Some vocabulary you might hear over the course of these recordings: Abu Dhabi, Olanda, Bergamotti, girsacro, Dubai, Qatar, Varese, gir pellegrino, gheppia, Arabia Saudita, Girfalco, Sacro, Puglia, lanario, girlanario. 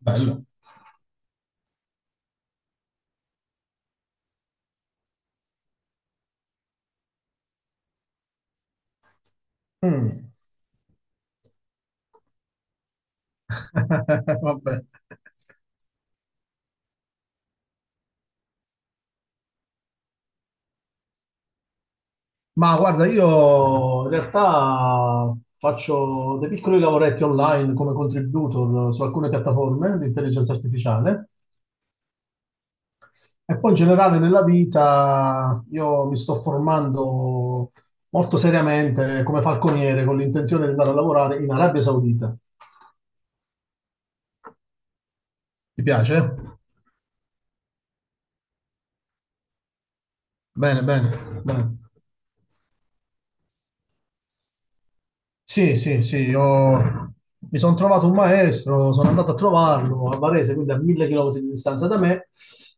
Bello. Mm. Vabbè. Ma guarda, io in realtà faccio dei piccoli lavoretti online come contributor su alcune piattaforme di intelligenza artificiale e poi in generale nella vita io mi sto formando molto seriamente come falconiere con l'intenzione di andare a lavorare in Arabia Saudita. Ti piace? Bene, bene, bene. Sì, sì, sì, io mi sono trovato un maestro, sono andato a trovarlo a Varese, quindi a 1000 chilometri di distanza da me,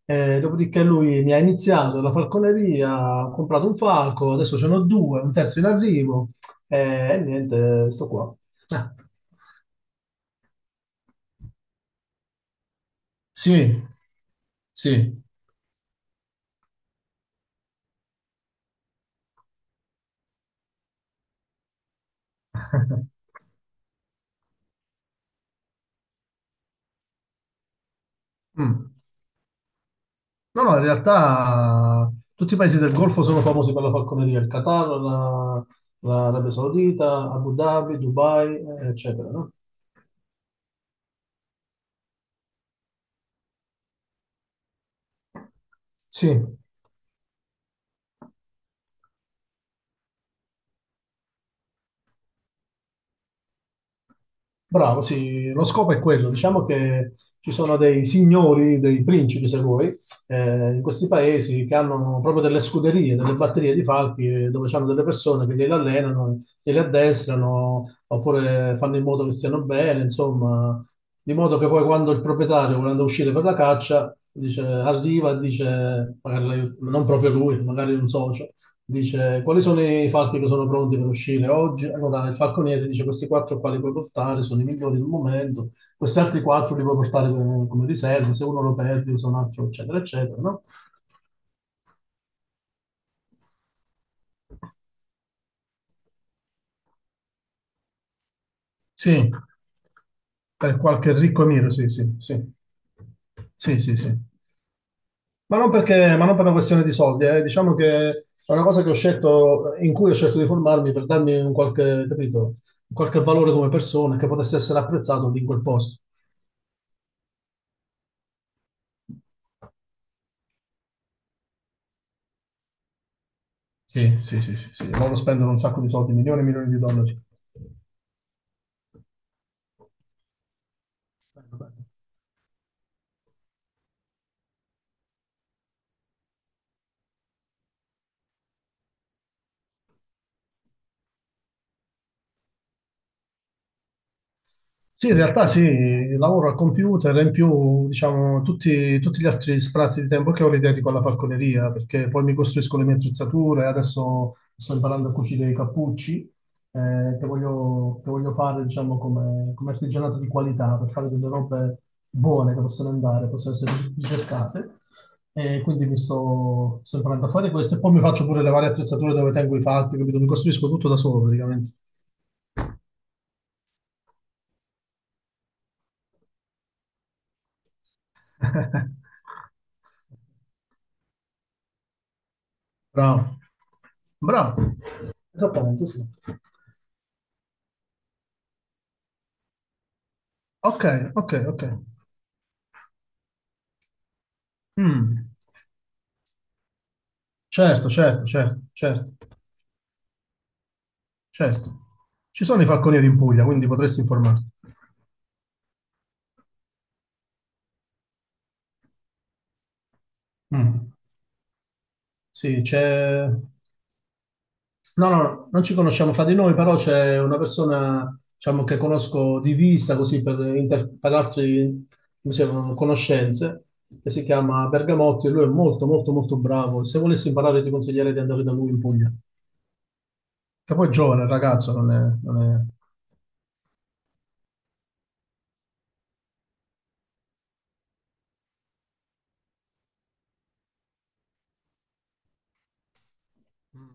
dopodiché lui mi ha iniziato la falconeria, ho comprato un falco, adesso ce n'ho due, un terzo in arrivo, e niente, sto qua. Eh, sì, sì. Mm. No, no, in realtà tutti i paesi del Golfo sono famosi per la falconeria, il Qatar, l'Arabia Saudita, Abu Dhabi, Dubai, eccetera, no? Sì, bravo, sì, lo scopo è quello. Diciamo che ci sono dei signori, dei principi, se vuoi, in questi paesi che hanno proprio delle scuderie, delle batterie di falchi, dove hanno delle persone che li allenano, li addestrano, oppure fanno in modo che stiano bene, insomma, di modo che poi quando il proprietario, volendo uscire per la caccia, dice, arriva e dice, magari non proprio lui, magari un socio, dice, quali sono i falchi che sono pronti per uscire oggi? Allora, il falconiere dice, questi quattro quali puoi portare sono i migliori del momento, questi altri quattro li puoi portare come, riserva, se uno lo perdi usa un altro, eccetera, eccetera, no? Sì, per qualche ricco nero, sì, sì, sì. Sì, sì, sì. Ma non per una questione di soldi, eh. Diciamo che è una cosa che ho scelto, in cui ho scelto di formarmi per darmi un qualche, capito, un qualche valore come persona che potesse essere apprezzato lì in quel posto. Sì, sì, sì, sì, sì. Loro spendono un sacco di soldi, milioni e milioni di dollari. Bello, bello. Sì, in realtà sì, lavoro al computer e in più, diciamo, tutti gli altri spazi di tempo che ho li dedico alla falconeria, perché poi mi costruisco le mie attrezzature, adesso sto imparando a cucire i cappucci, che voglio fare, diciamo, come, artigianato di qualità, per fare delle robe buone che possono andare, possono essere ricercate. E quindi sto imparando a fare questo e poi mi faccio pure le varie attrezzature dove tengo i falchi, capito? Mi costruisco tutto da solo praticamente. Bravo, bravo. Esattamente, sì. Ok, ok, ok. Mm. Certo, certo, certo, certo, certo. Ci sono i falconieri in Puglia, quindi potresti informarti. Mm. Sì. No, no, no, non ci conosciamo fra di noi, però c'è una persona, diciamo, che conosco di vista, così per interparlarci, come si chiamano, conoscenze, che si chiama Bergamotti e lui è molto, molto, molto bravo. Se volessi imparare ti consiglierei di andare da lui in Puglia. Che poi è giovane, il ragazzo, non è, non è- Mm.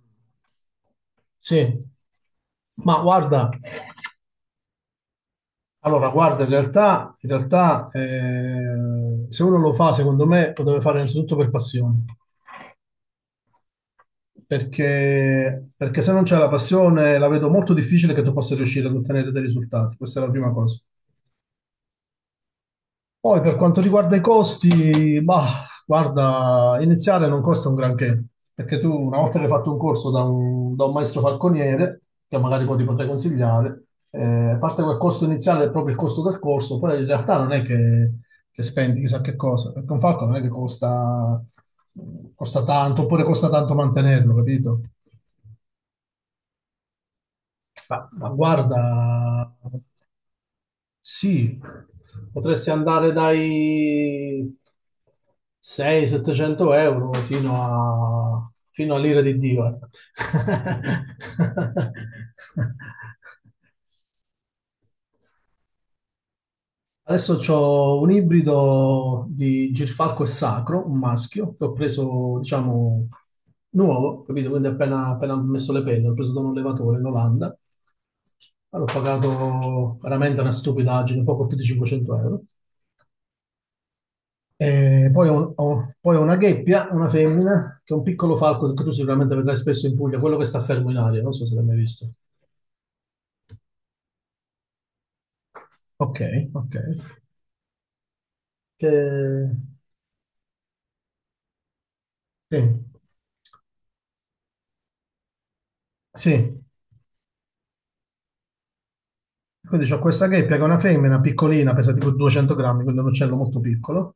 Sì, ma guarda, allora, guarda, in realtà se uno lo fa, secondo me, lo deve fare innanzitutto per passione. Perché se non c'è la passione, la vedo molto difficile che tu possa riuscire ad ottenere dei risultati. Questa è la prima cosa. Poi per quanto riguarda i costi, bah, guarda, iniziare non costa un granché, perché tu una volta che hai fatto un corso da un, maestro falconiere, che magari poi ti potrei consigliare, a parte quel costo iniziale è proprio il costo del corso, poi in realtà non è che, spendi chissà che cosa, perché un falco non è che costa, tanto, oppure costa tanto mantenerlo, capito? Ma guarda, sì, potresti andare dai 600-€700 fino all'ira di Dio. Ecco. Adesso ho un ibrido di girfalco e sacro, un maschio, che ho preso, diciamo, nuovo, capito? Quindi appena, appena ho messo le penne, l'ho preso da un allevatore in Olanda. L'ho pagato veramente una stupidaggine, poco più di €500. Poi ho una gheppia, una femmina, che è un piccolo falco che tu sicuramente vedrai spesso in Puglia, quello che sta fermo in aria, non so se l'hai mai visto. Ok, ok. Che... Sì, sì. Quindi c'ho questa gheppia che è una femmina piccolina, pesa tipo 200 grammi, quindi è un uccello molto piccolo.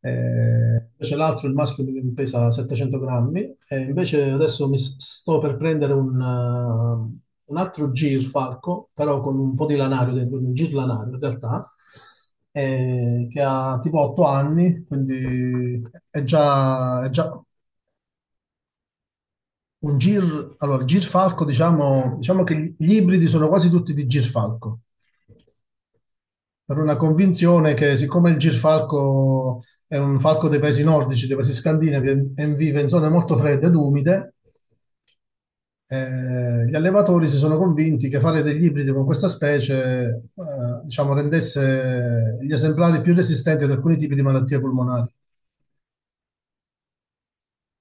Invece l'altro, il maschio, che pesa 700 grammi. E invece adesso sto per prendere un altro girfalco, però con un po' di lanario dentro, un girlanario in realtà, che ha tipo 8 anni, quindi è già Allora, il girfalco, diciamo che gli ibridi sono quasi tutti di girfalco. Per una convinzione che siccome il girfalco è un falco dei paesi nordici, dei paesi scandinavi, e vive in zone molto fredde ed umide, gli allevatori si sono convinti che fare degli ibridi con questa specie, diciamo, rendesse gli esemplari più resistenti ad alcuni tipi di malattie polmonari.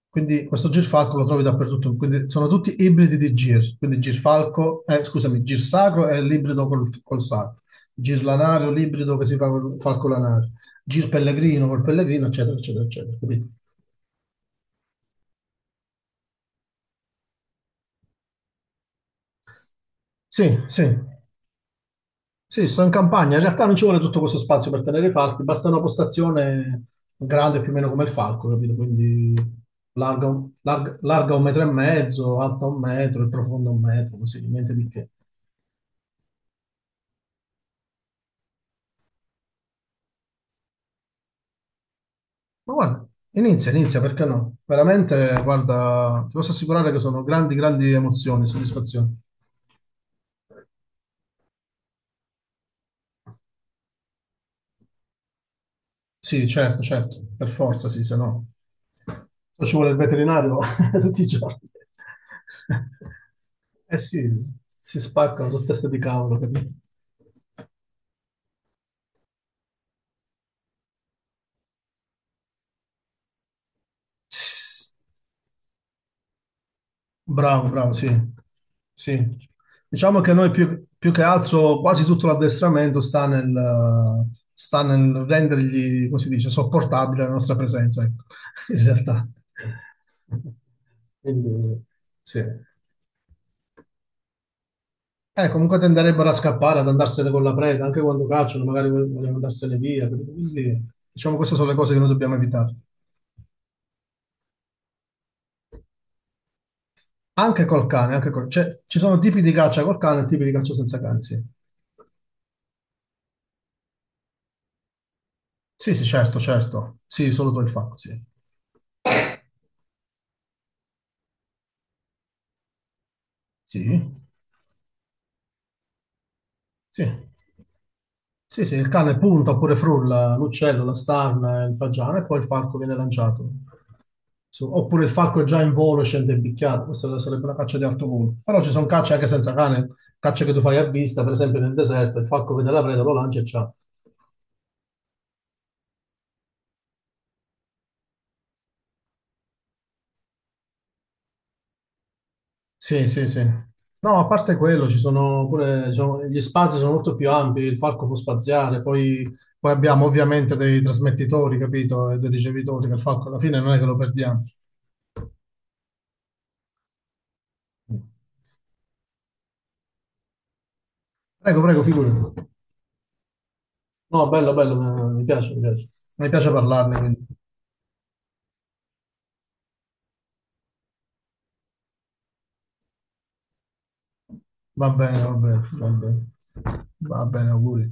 Quindi questo girfalco lo trovi dappertutto, quindi sono tutti ibridi di quindi girfalco, scusami, girsacro è l'ibrido col, sacro, girlanario l'ibrido che si fa col falco lanario, gir pellegrino col pellegrino, eccetera, eccetera, eccetera, capito? Sì, sì, sì, sto in campagna, in realtà non ci vuole tutto questo spazio per tenere i falchi, basta una postazione grande più o meno come il falco, capito? Quindi larga un metro e mezzo, alta un metro e profonda un metro, così, niente di che. Ma guarda, inizia, inizia, perché no? Veramente, guarda, ti posso assicurare che sono grandi, grandi emozioni, soddisfazioni. Sì, certo, certo, per forza, sì, se no. Se no ci vuole il veterinario tutti i giorni. Eh sì, si spaccano su testa di cavolo, capito? Bravo, bravo, sì. Sì. Diciamo che noi più che altro quasi tutto l'addestramento sta nel, rendergli, come si dice, sopportabile la nostra presenza, ecco, in realtà. Quindi, sì. Comunque tenderebbero a scappare, ad andarsene con la preda, anche quando cacciano, magari vogliono andarsene via. Capito? Quindi, diciamo, queste sono le cose che noi dobbiamo evitare. Anche col cane, cioè, ci sono tipi di caccia col cane e tipi di caccia senza cane, sì. Sì, sì, certo, certo. Sì, solo tu il fatto, sì. Sì, sì. Sì, sì, il cane punta oppure frulla l'uccello, la starna, il fagiano e poi il falco viene lanciato. Oppure il falco è già in volo e scende impicchiato. Questa sarebbe una caccia di alto volo. Però ci sono cacce anche senza cane, cacce che tu fai a vista, per esempio nel deserto, il falco vede la preda, lo lancia e ciao. Sì, sì, sì. No, a parte quello, ci sono pure, diciamo, gli spazi sono molto più ampi, il falco può spaziare, poi, abbiamo ovviamente dei trasmettitori, capito, e dei ricevitori, che il falco alla fine non è che lo perdiamo. Prego, prego, figurati. No, bello, bello, mi piace, mi piace. Mi piace parlarne, quindi va bene, va bene, va bene. Va bene, auguri.